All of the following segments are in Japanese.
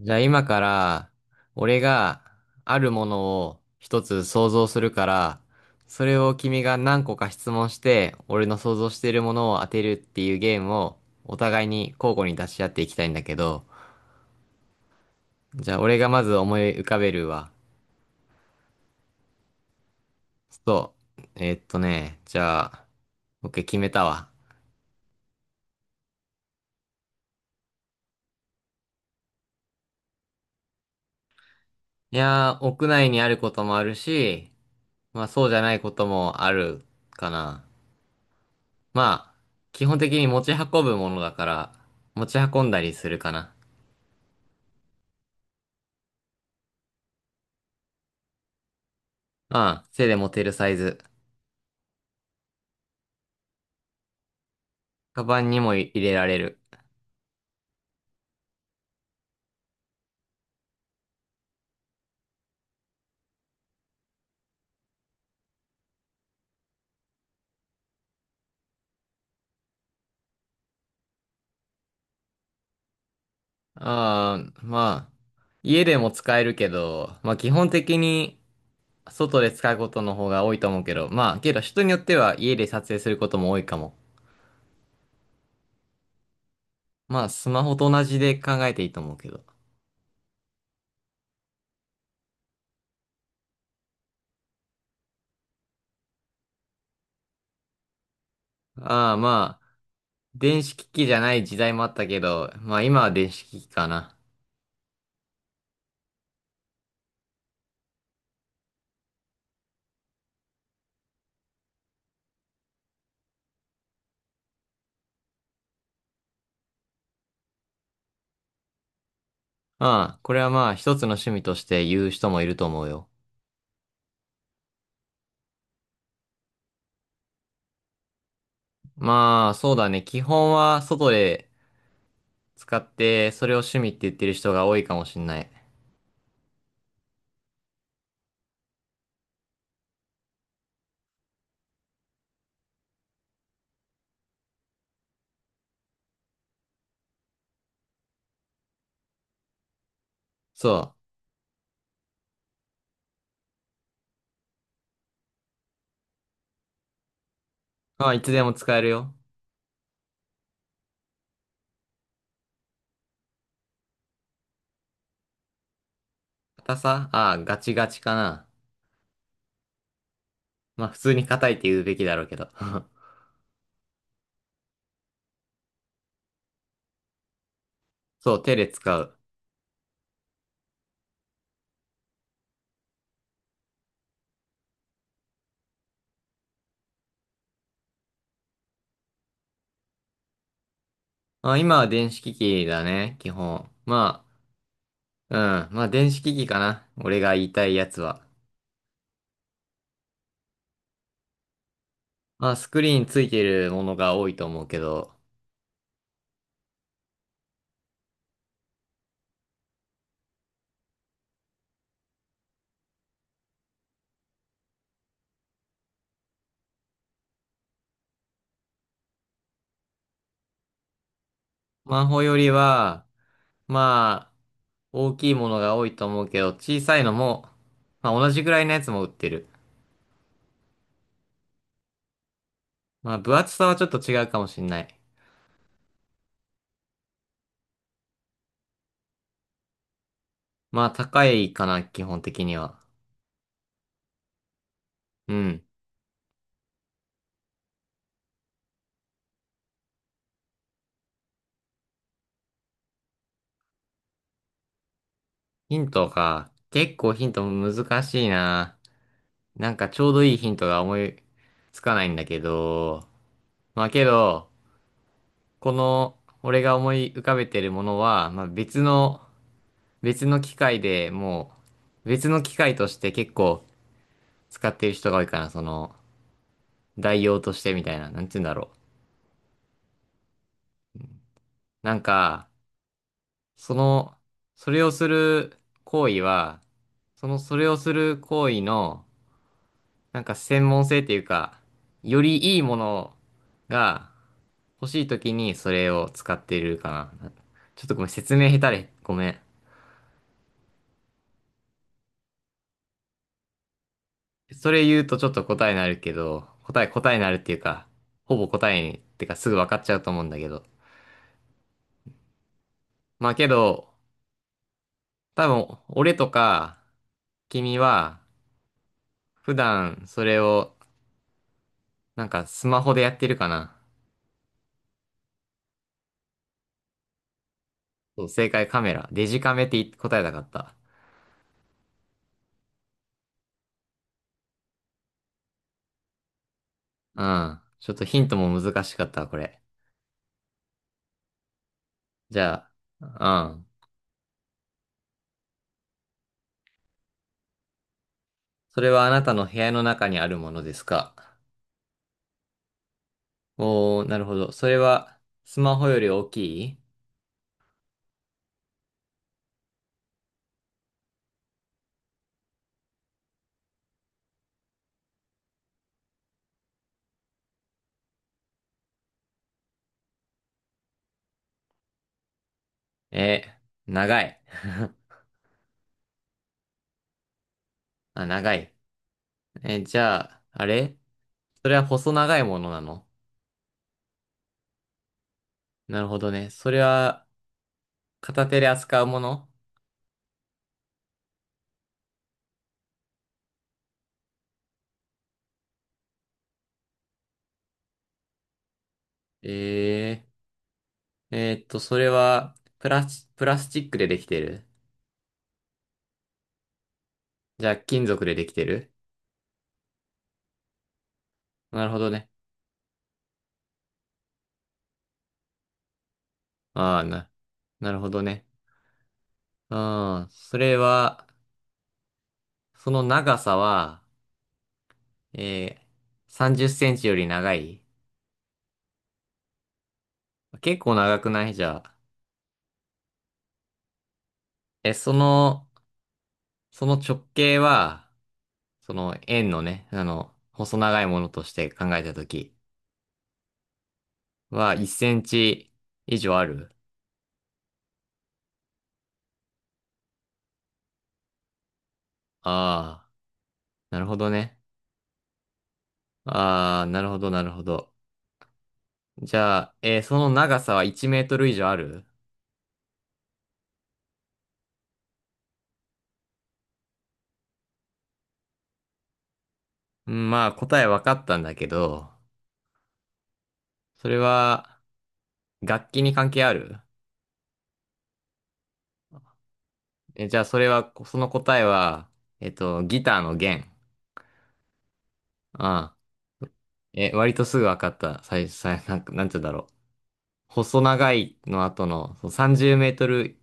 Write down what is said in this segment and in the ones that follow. じゃあ今から、俺があるものを一つ想像するから、それを君が何個か質問して、俺の想像しているものを当てるっていうゲームをお互いに交互に出し合っていきたいんだけど、じゃあ俺がまず思い浮かべるわ。そう。じゃあ、OK 決めたわ。いやー、屋内にあることもあるし、まあそうじゃないこともあるかな。まあ、基本的に持ち運ぶものだから、持ち運んだりするかな。うん、手で持てるサイズ。カバンにも入れられる。まあ、家でも使えるけど、まあ基本的に外で使うことの方が多いと思うけど、まあけど人によっては家で撮影することも多いかも。まあスマホと同じで考えていいと思うけど。まあ、電子機器じゃない時代もあったけど、まあ今は電子機器かな。ああ、これはまあ一つの趣味として言う人もいると思うよ。まあ、そうだね。基本は外で使って、それを趣味って言ってる人が多いかもしんない。そう。まあ、いつでも使えるよ。硬さガチガチかな。まあ、普通に硬いって言うべきだろうけど。そう、手で使う。まあ、今は電子機器だね、基本。まあ、うん。まあ、電子機器かな。俺が言いたいやつは。まあ、スクリーンついてるものが多いと思うけど、スマホよりは、まあ、大きいものが多いと思うけど、小さいのも、まあ同じぐらいのやつも売ってる。まあ分厚さはちょっと違うかもしんない。まあ高いかな、基本的には。うん。ヒントか。結構ヒント難しいな。なんかちょうどいいヒントが思いつかないんだけど。まあけど、この俺が思い浮かべてるものは、まあ別の、別の機械で別の機械として結構使ってる人が多いかな。その、代用としてみたいな。なんて言うんだろう。なんか、その、それをする行為は、その、それをする行為の、なんか専門性っていうか、よりいいものが欲しい時にそれを使ってるかな。ちょっとごめん、説明下手で、ごめん。それ言うとちょっと答えになるけど、答えになるっていうか、ほぼ答えに、ってかすぐ分かっちゃうと思うんだけど。まあけど、多分、俺とか、君は、普段それを、なんかスマホでやってるかな。そう、正解カメラ。デジカメって答えたかった。うん。ちょっとヒントも難しかったわ、これ。じゃあ、うん。それはあなたの部屋の中にあるものですか？おー、なるほど。それは、スマホより大きい？え、長い。あ、長い。え、じゃあ、あれ？それは細長いものなの？なるほどね。それは、片手で扱うもの？えそれは、プラスチックでできてる？じゃあ、金属でできてる？なるほどね。ああ、な、なるほどね。うん。それは、その長さは、え30センチより長い？結構長くないじゃあ。え、その、その直径は、その円のね、あの、細長いものとして考えたときは、1センチ以上ある？ああー、なるほどね。ああ、なるほど、なるほど。じゃあ、えーその長さは1メートル以上ある？うん、まあ、答え分かったんだけど、それは、楽器に関係ある？え、じゃあそれは、その答えは、えっと、ギターの弦。ああ。え、割とすぐ分かった。最初、最なんか、なんて言うんだろう。細長いの後の、そう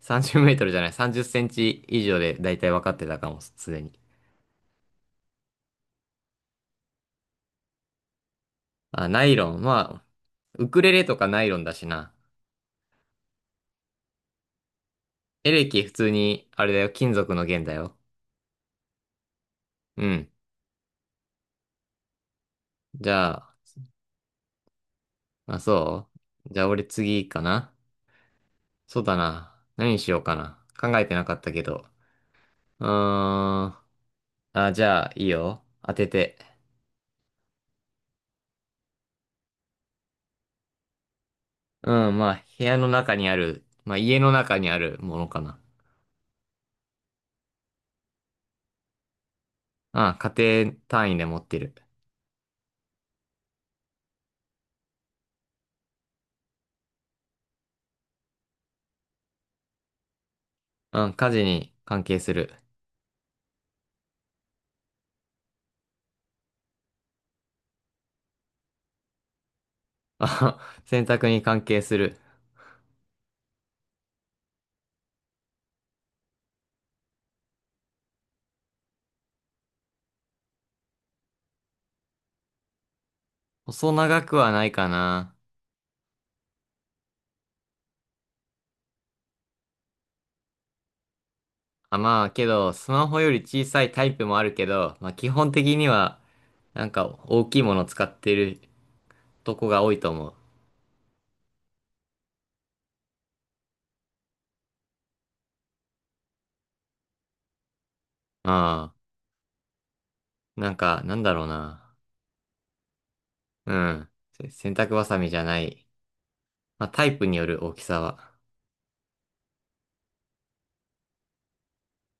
30メートルじゃない、30センチ以上でだいたい分かってたかも、すでに。あ、ナイロン。まあ、ウクレレとかナイロンだしな。エレキ普通に、あれだよ、金属の弦だよ。うん。じゃあ、まあ、そうじゃあ俺次かな？そうだな。何にしようかな。考えてなかったけど。うーん。あ、じゃあ、いいよ。当てて。うん、まあ、部屋の中にある、まあ、家の中にあるものかな。あ家庭単位で持ってる。うん、家事に関係する。あ、洗濯に関係する。細長くはないかな。あ、まあ、けど、スマホより小さいタイプもあるけど、まあ、基本的には、なんか、大きいもの使ってるとこが多いと思う。あなんだろうな。うん。せ洗濯バサミじゃない。まあ、タイプによる大きさは。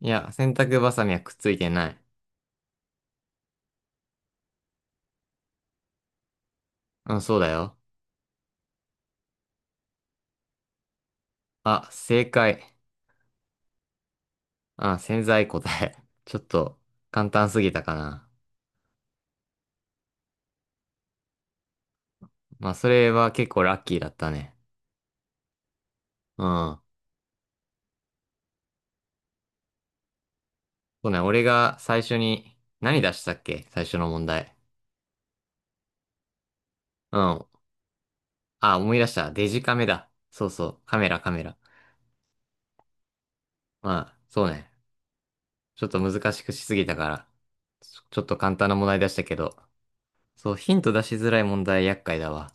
いや、洗濯バサミはくっついてない。うん、そうだよ。あ、正解。あ、潜在答え。ちょっと簡単すぎたかな。まあ、それは結構ラッキーだったね。うん。そうね、俺が最初に、何出したっけ最初の問題。うん。あ、思い出した。デジカメだ。そうそう。カメラ、カメラ。まあ、そうね。ちょっと難しくしすぎたから。ちょちょっと簡単な問題出したけど。そう、ヒント出しづらい問題厄介だわ。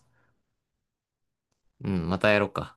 うん、またやろうか。